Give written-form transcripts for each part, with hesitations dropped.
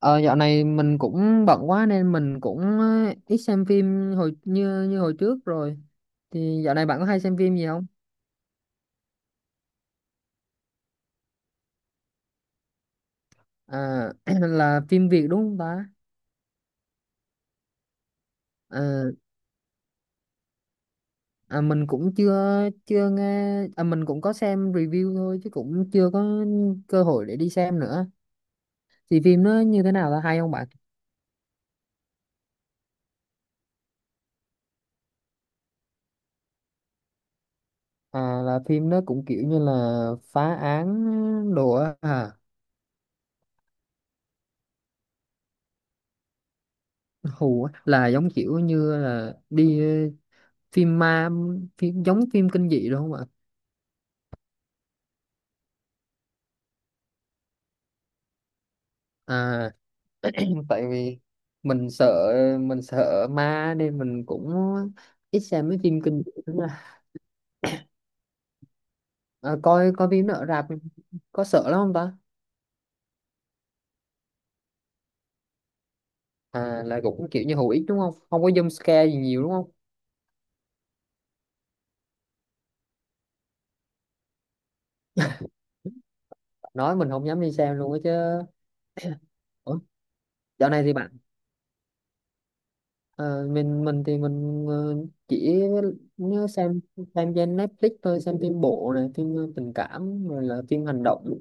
Ờ, Dạo này mình cũng bận quá nên mình cũng ít xem phim hồi như như hồi trước rồi. Thì dạo này bạn có hay xem phim gì không? À, là phim Việt đúng không ta? Ờ, mình cũng chưa chưa nghe à, mình cũng có xem review thôi chứ cũng chưa có cơ hội để đi xem nữa. Thì phim nó như thế nào, là hay không bạn? À, là phim nó cũng kiểu như là phá án đồ á à, hù á. Là giống kiểu như là đi phim ma, phim giống phim kinh dị đúng không ạ? À, tại vì mình sợ mình sợ ma nên mình cũng ít xem mấy phim kinh dị lắm à, à, coi coi phim nó ở rạp có sợ lắm không ta, à là cũng kiểu như hữu ích đúng không, không có jump scare gì nhiều đúng không, nói mình không dám đi xem luôn á chứ. Ủa, dạo này thì bạn mình thì mình ờ, chỉ nhớ xem trên Netflix thôi, xem phim bộ này, phim tình cảm rồi là phim hành động,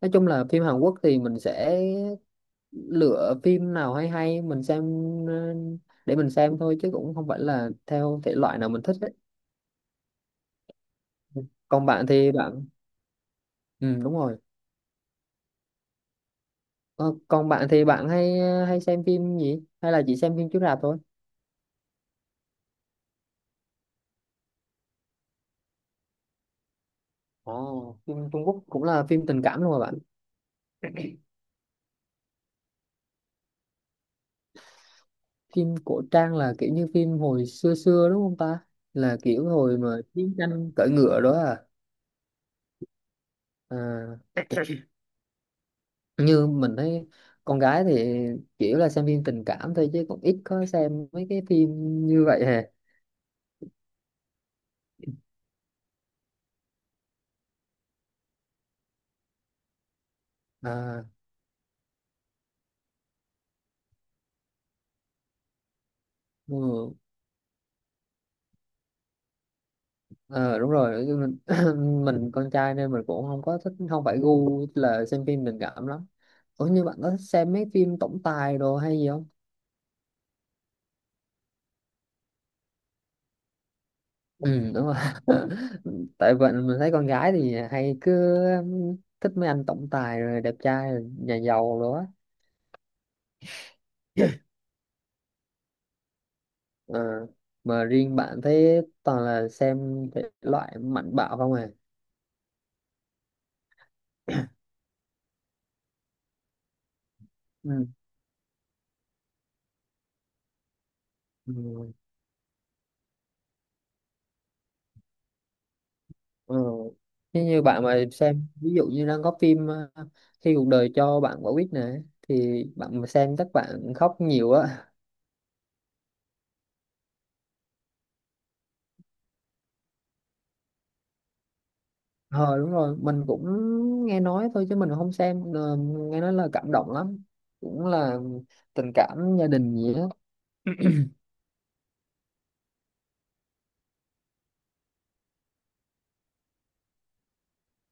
nói chung là phim Hàn Quốc thì mình sẽ lựa phim nào hay hay mình xem, ờ, để mình xem thôi chứ cũng không phải là theo thể loại nào mình thích đấy. Còn bạn thì bạn, ừ đúng rồi. Ờ, còn bạn thì bạn hay hay xem phim gì, hay là chỉ xem phim chiếu rạp thôi? Ồ, phim Trung Quốc cũng là phim tình cảm luôn mà bạn. Phim cổ trang là kiểu như phim hồi xưa xưa đúng không ta, là kiểu hồi mà chiến tranh cưỡi ngựa đó à, à như mình thấy con gái thì kiểu là xem phim tình cảm thôi chứ cũng ít có xem mấy cái phim như vậy hè. À, ừ, ờ, đúng rồi. Chứ mình, mình con trai nên mình cũng không có thích, không phải gu là xem phim tình cảm lắm. Ủa như bạn có thích xem mấy phim tổng tài đồ hay gì không? Ừ đúng rồi. Tại vậy mình thấy con gái thì hay cứ thích mấy anh tổng tài rồi đẹp trai rồi nhà giàu rồi á. Ờ, mà riêng bạn thấy toàn là xem thể loại mạnh bạo không à. Ừ. Ừ. Ừ. Thế như bạn mà xem ví dụ như đang có phim khi cuộc đời cho bạn quả quýt nè, thì bạn mà xem chắc bạn khóc nhiều á. Ờ đúng rồi, mình cũng nghe nói thôi chứ mình không xem. Ờ, nghe nói là cảm động lắm, cũng là tình cảm gia đình gì á.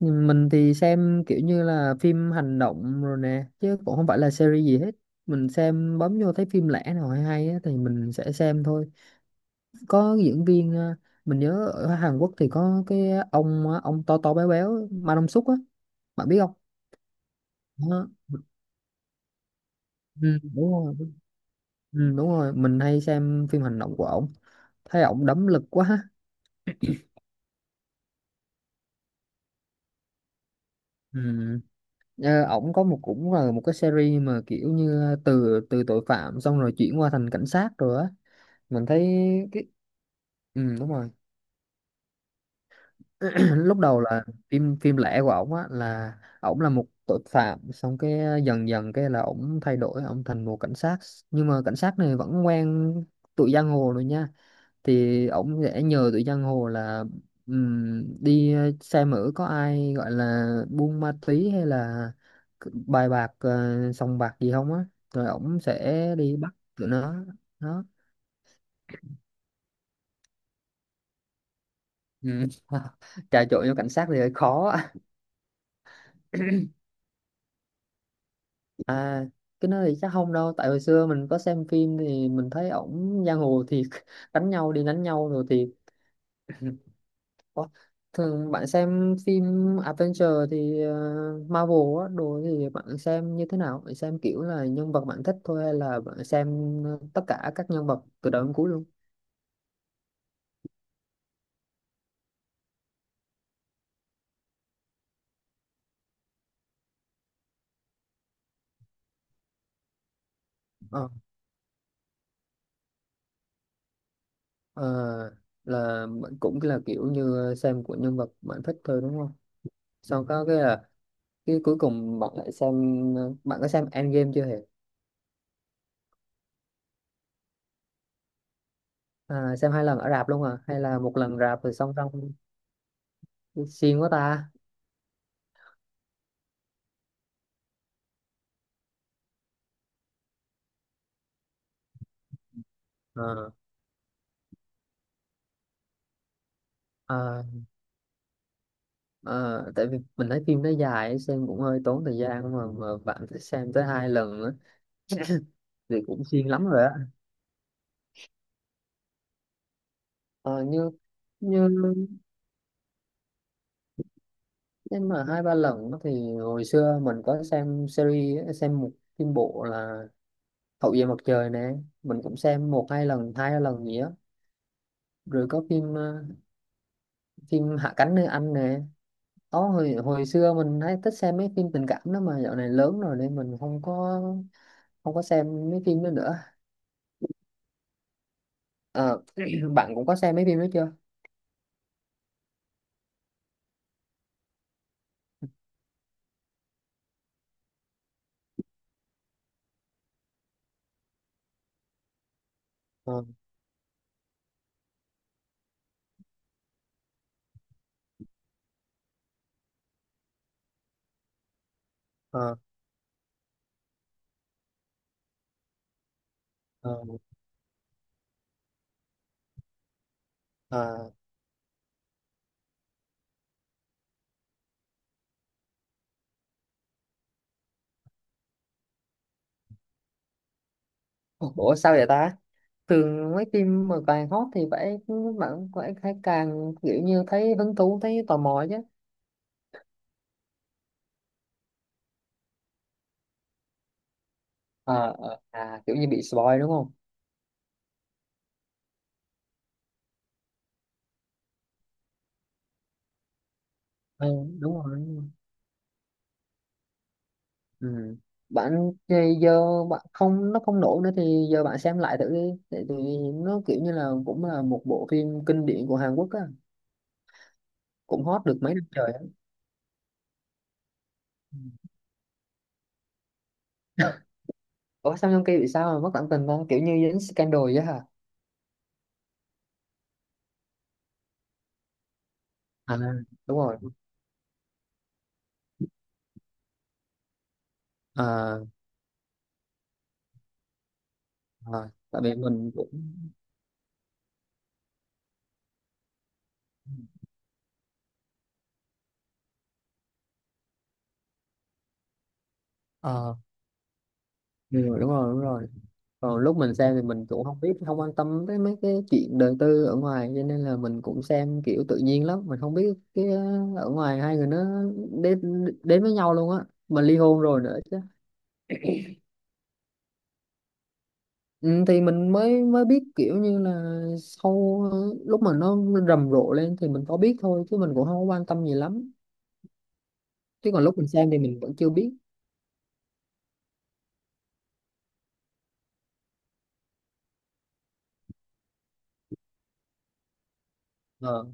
Mình thì xem kiểu như là phim hành động rồi nè, chứ cũng không phải là series gì hết. Mình xem bấm vô thấy phim lẻ nào hay hay á, thì mình sẽ xem thôi. Có diễn viên à, mình nhớ ở Hàn Quốc thì có cái ông á, ông to to béo béo Ma Dong Suk á, bạn biết không? Đó. Ừ, đúng rồi, ừ, đúng rồi mình hay xem phim hành động của ổng, thấy ổng đấm lực quá. Ừ. Ờ, ổng có một, cũng là một cái series mà kiểu như à, từ từ tội phạm xong rồi chuyển qua thành cảnh sát rồi á, mình thấy cái, ừ, đúng rồi. Lúc đầu là phim phim lẻ của ổng á, là ổng là một tội phạm xong cái dần dần cái là ổng thay đổi ổng thành một cảnh sát, nhưng mà cảnh sát này vẫn quen tụi giang hồ rồi nha, thì ổng sẽ nhờ tụi giang hồ là đi xem thử có ai gọi là buôn ma túy hay là bài bạc sòng bạc gì không á, rồi ổng sẽ đi bắt tụi nó, đó. Ừ. Trà trộn vô cảnh sát thì hơi khó. À cái đó thì chắc không đâu, tại hồi xưa mình có xem phim thì mình thấy ổng giang hồ thiệt, đánh nhau đi đánh nhau rồi thiệt. Ủa, thường bạn xem phim adventure thì Marvel á đồ thì bạn xem như thế nào, bạn xem kiểu là nhân vật bạn thích thôi hay là bạn xem tất cả các nhân vật từ đầu đến cuối luôn? Ờ, ờ, là bạn cũng là kiểu như xem của nhân vật bạn thích thôi đúng không, sau có cái là cái cuối cùng bạn lại xem, bạn có xem Endgame chưa hề? À, xem hai lần ở rạp luôn à hay là một lần rạp rồi xong xong, xiên quá ta. Ờ, ờ, ờ, Tại vì mình thấy phim nó dài xem cũng hơi tốn thời gian mà bạn phải xem tới hai lần nữa thì cũng xiên lắm rồi á. Ờ, như như, nhưng mà hai ba lần á thì hồi xưa mình có xem series á, xem một phim bộ là Hậu duệ mặt trời nè, mình cũng xem một hai lần, hai lần gì á, rồi có phim phim Hạ cánh nơi anh nè. Có hồi hồi xưa mình hay thích xem mấy phim tình cảm đó mà dạo này lớn rồi nên mình không có xem mấy phim đó nữa. Ờ, bạn cũng có xem mấy phim đó chưa? Ờ, ờ, ờ, ờ. Ủa sao vậy ta? Thường mấy phim mà càng hot thì phải bạn phải càng kiểu như thấy hứng thú thấy tò mò chứ. Ờ, À kiểu như bị spoil đúng không? Ừ, đúng rồi. Ừ. Bạn thì giờ bạn không, nó không nổi nữa thì giờ bạn xem lại thử đi, tại vì nó kiểu như là cũng là một bộ phim kinh điển của Hàn Quốc á, cũng hot được mấy năm trời á. Ừ. Ủa sao trong kia bị sao mà mất cảm tình ta, kiểu như dính scandal vậy hả? À đúng rồi. À, à, tại vì mình cũng ờ, ừ, đúng rồi, còn lúc mình xem thì mình cũng không biết, không quan tâm tới mấy cái chuyện đời tư ở ngoài, cho nên là mình cũng xem kiểu tự nhiên lắm, mình không biết cái ở ngoài hai người nó đến đến với nhau luôn á, mà ly hôn rồi nữa chứ. Ừ, thì mình mới mới biết kiểu như là sau lúc mà nó rầm rộ lên thì mình có biết thôi chứ mình cũng không có quan tâm gì lắm, chứ còn lúc mình xem thì mình vẫn chưa biết. Ờ.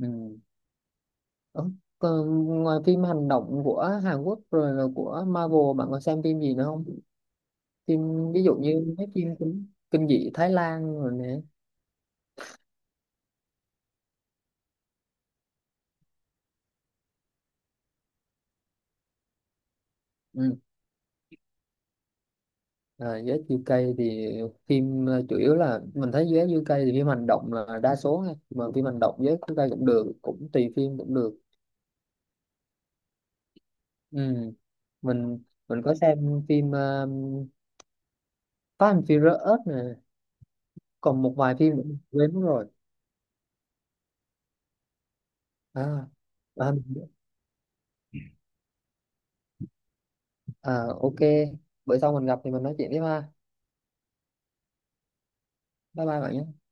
Ừ. Ờ, còn ngoài phim hành động của Hàn Quốc rồi là của Marvel, bạn có xem phim gì nữa không, phim ví dụ như mấy phim kinh dị Thái Lan rồi nè. Ừ. Rồi US UK thì phim chủ yếu là mình thấy US UK thì phim hành động là đa số ha. Mà phim hành động US UK cũng được, cũng tùy phim cũng được. Ừ. mình mình có xem phim Fast and Furious nè, còn một vài phim nữa mình quên mất rồi. À, à, à ok, bữa sau mình gặp thì mình nói chuyện tiếp ha. Bye bye bạn nhé.